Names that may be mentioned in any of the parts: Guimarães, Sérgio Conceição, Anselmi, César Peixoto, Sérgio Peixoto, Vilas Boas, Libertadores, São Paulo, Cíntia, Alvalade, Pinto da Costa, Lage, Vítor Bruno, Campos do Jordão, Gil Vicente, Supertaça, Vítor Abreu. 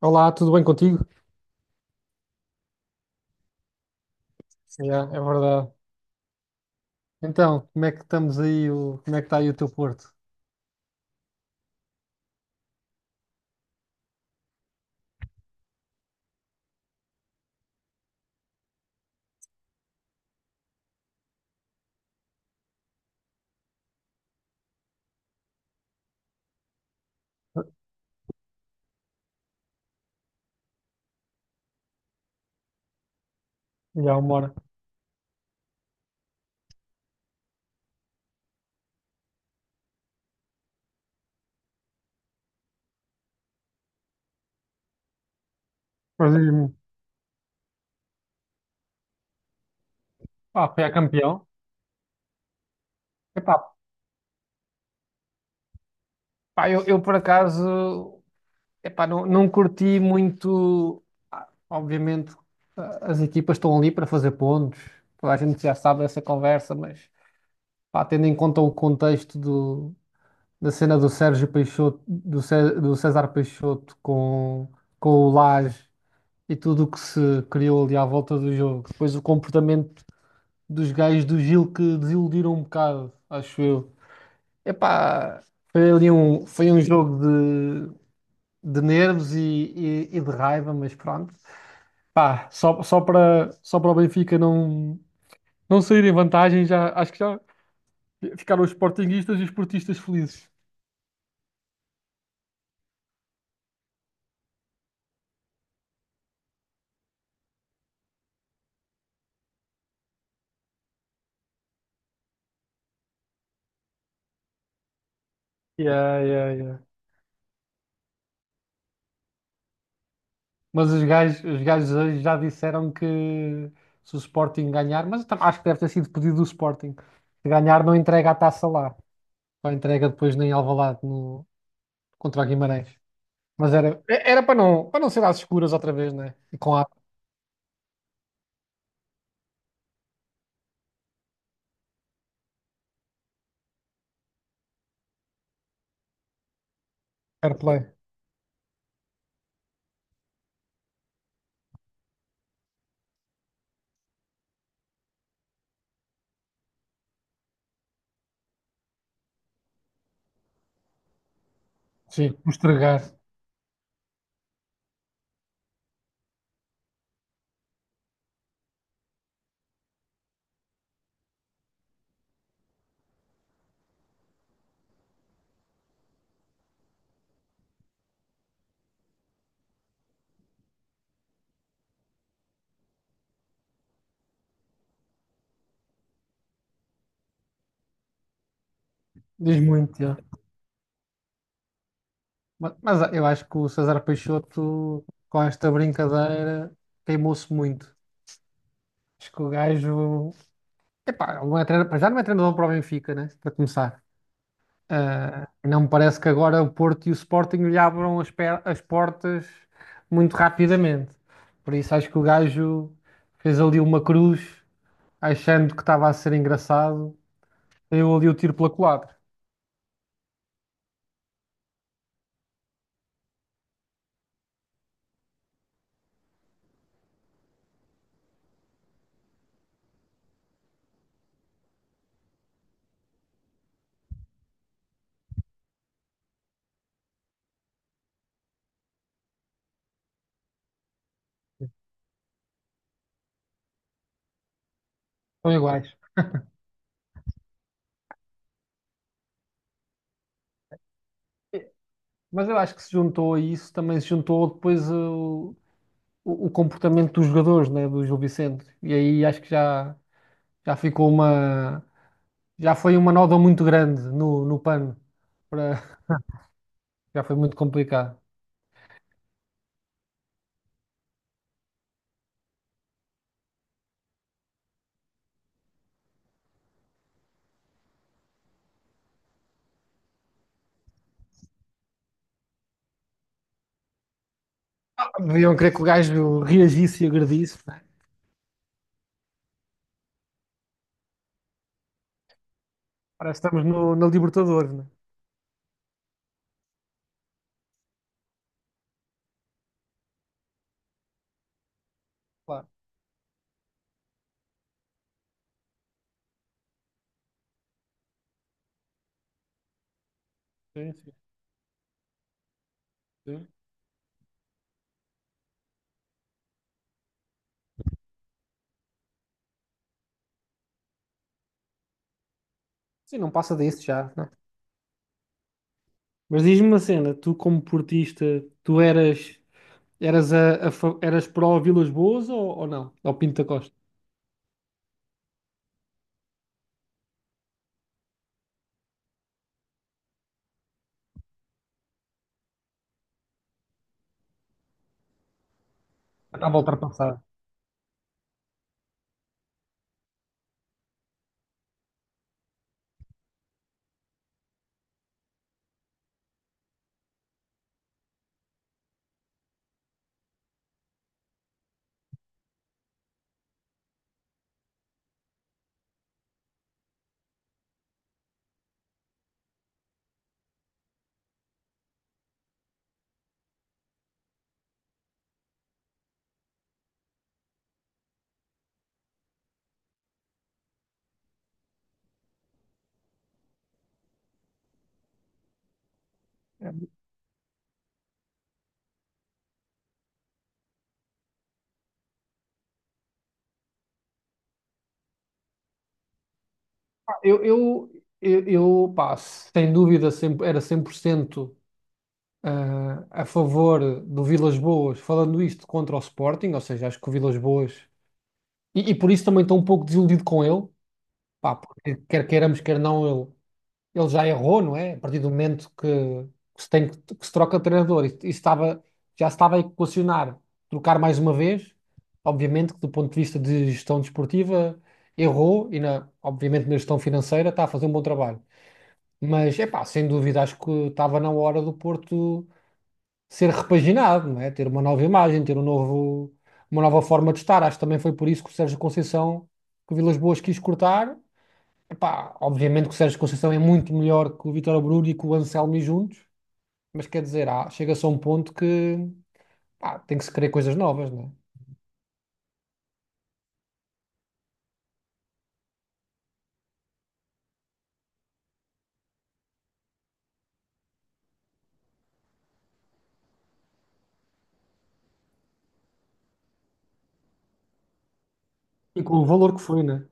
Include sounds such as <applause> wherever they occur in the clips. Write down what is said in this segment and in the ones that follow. Olá, tudo bem contigo? Yeah, é verdade. Então, como é que estamos aí? Como é que está aí o teu Porto? Já uma hora. Mas diz-me, pá, foi a campeão. Epá, pá, eu por acaso, epá, não curti muito. Ah, obviamente, ah, as equipas estão ali para fazer pontos. Toda a gente já sabe essa conversa, mas pá, tendo em conta da cena do Sérgio Peixoto, do César Peixoto com o Lage. E tudo o que se criou ali à volta do jogo. Depois o comportamento dos gajos do Gil que desiludiram um bocado, acho eu. Epá, foi um jogo de nervos e de raiva, mas pronto. Pá, só para o Benfica não sair em vantagem, já, acho que já ficaram os sportinguistas e os portistas felizes. Yeah, yeah, yeah. Mas os gajos hoje já disseram que se o Sporting ganhar, mas acho que deve ter sido pedido do Sporting. Se ganhar, não entrega a taça lá. Só entrega depois nem Alvalade no, contra o Guimarães. Mas era para para não ser às escuras outra vez, né? E com a fair play. Sim, o estragar. Diz muito, já. Mas eu acho que o César Peixoto, com esta brincadeira, queimou-se muito. Acho que o gajo. Epá, ele não é treinador, para já não é treinador para o Benfica, né? Para começar. Ah, não me parece que agora o Porto e o Sporting lhe abram as portas muito rapidamente. Por isso acho que o gajo fez ali uma cruz, achando que estava a ser engraçado, deu ali o tiro pela culatra. São iguais. Mas eu acho que se juntou a isso, também se juntou depois o comportamento dos jogadores, né, do Gil Vicente. E aí acho que já, já ficou uma. Já foi uma nódoa muito grande no, no pano. Para- <laughs> já foi muito complicado. Deviam querer que o gajo reagisse e agredisse, né? Parece que estamos no, na Libertadores, né? Claro. Sim, sim, sim. Sim, não passa disso já, né? Mas diz-me uma cena, tu como portista, tu eras eras eras pró Vilas Boas ou não? Ao Pinto da Costa? Estava a ultrapassar. É, pá, eu pá, sem dúvida, sempre, era 100% ah, a favor do Vilas Boas, falando isto contra o Sporting, ou seja, acho que o Vilas Boas. E por isso também estou um pouco desiludido com ele, pá, porque quer queiramos, quer não, ele já errou, não é? A partir do momento que se tem, que se troca de treinador, isso estava, já se estava a equacionar trocar mais uma vez. Obviamente que do ponto de vista de gestão desportiva errou e na, obviamente na gestão financeira está a fazer um bom trabalho. Mas é pá, sem dúvida acho que estava na hora do Porto ser repaginado, não é? Ter uma nova imagem, ter um novo, uma nova forma de estar. Acho que também foi por isso que o Sérgio Conceição que o Vilas Boas quis cortar. Epá, obviamente que o Sérgio Conceição é muito melhor que o Vítor Abreu e que o Anselmi juntos, mas quer dizer, ah, chega-se a um ponto que pá, tem que se querer coisas novas, né? E com o valor que foi, né?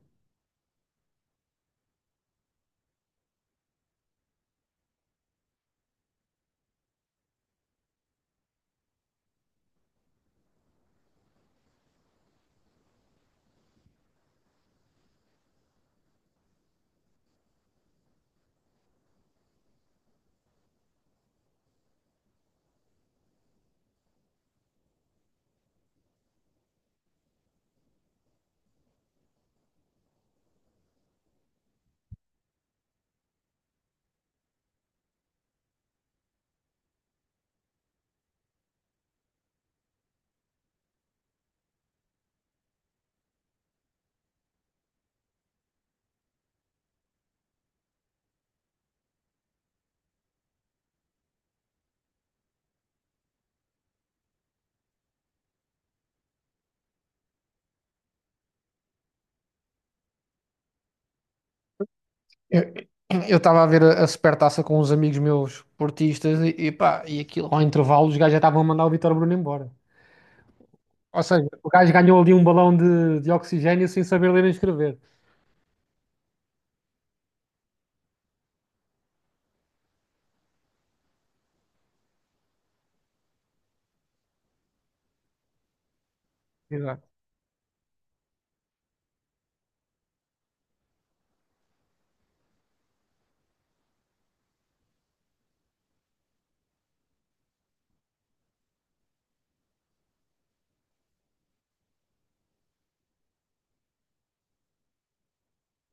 Eu eu estava a ver a Supertaça com uns amigos meus portistas e pá, e aquilo ao intervalo os gajos já estavam a mandar o Vítor Bruno embora. Ou seja, o gajo ganhou ali um balão de oxigênio sem saber ler nem escrever. Exato,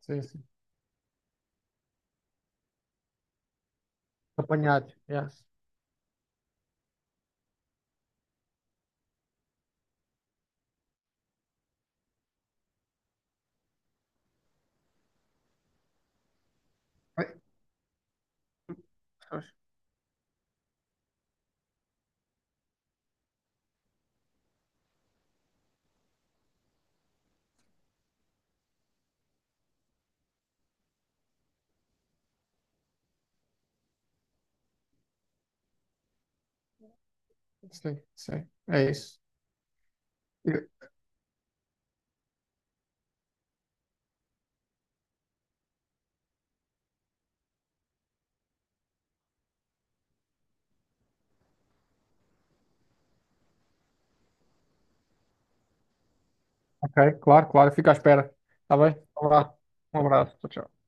sim, sim. Apanhado, yeah. Sim, sim, é isso. Ok, claro, claro. Fica à espera. Tá bem? Um abraço. Um abraço. Tchau, tchau.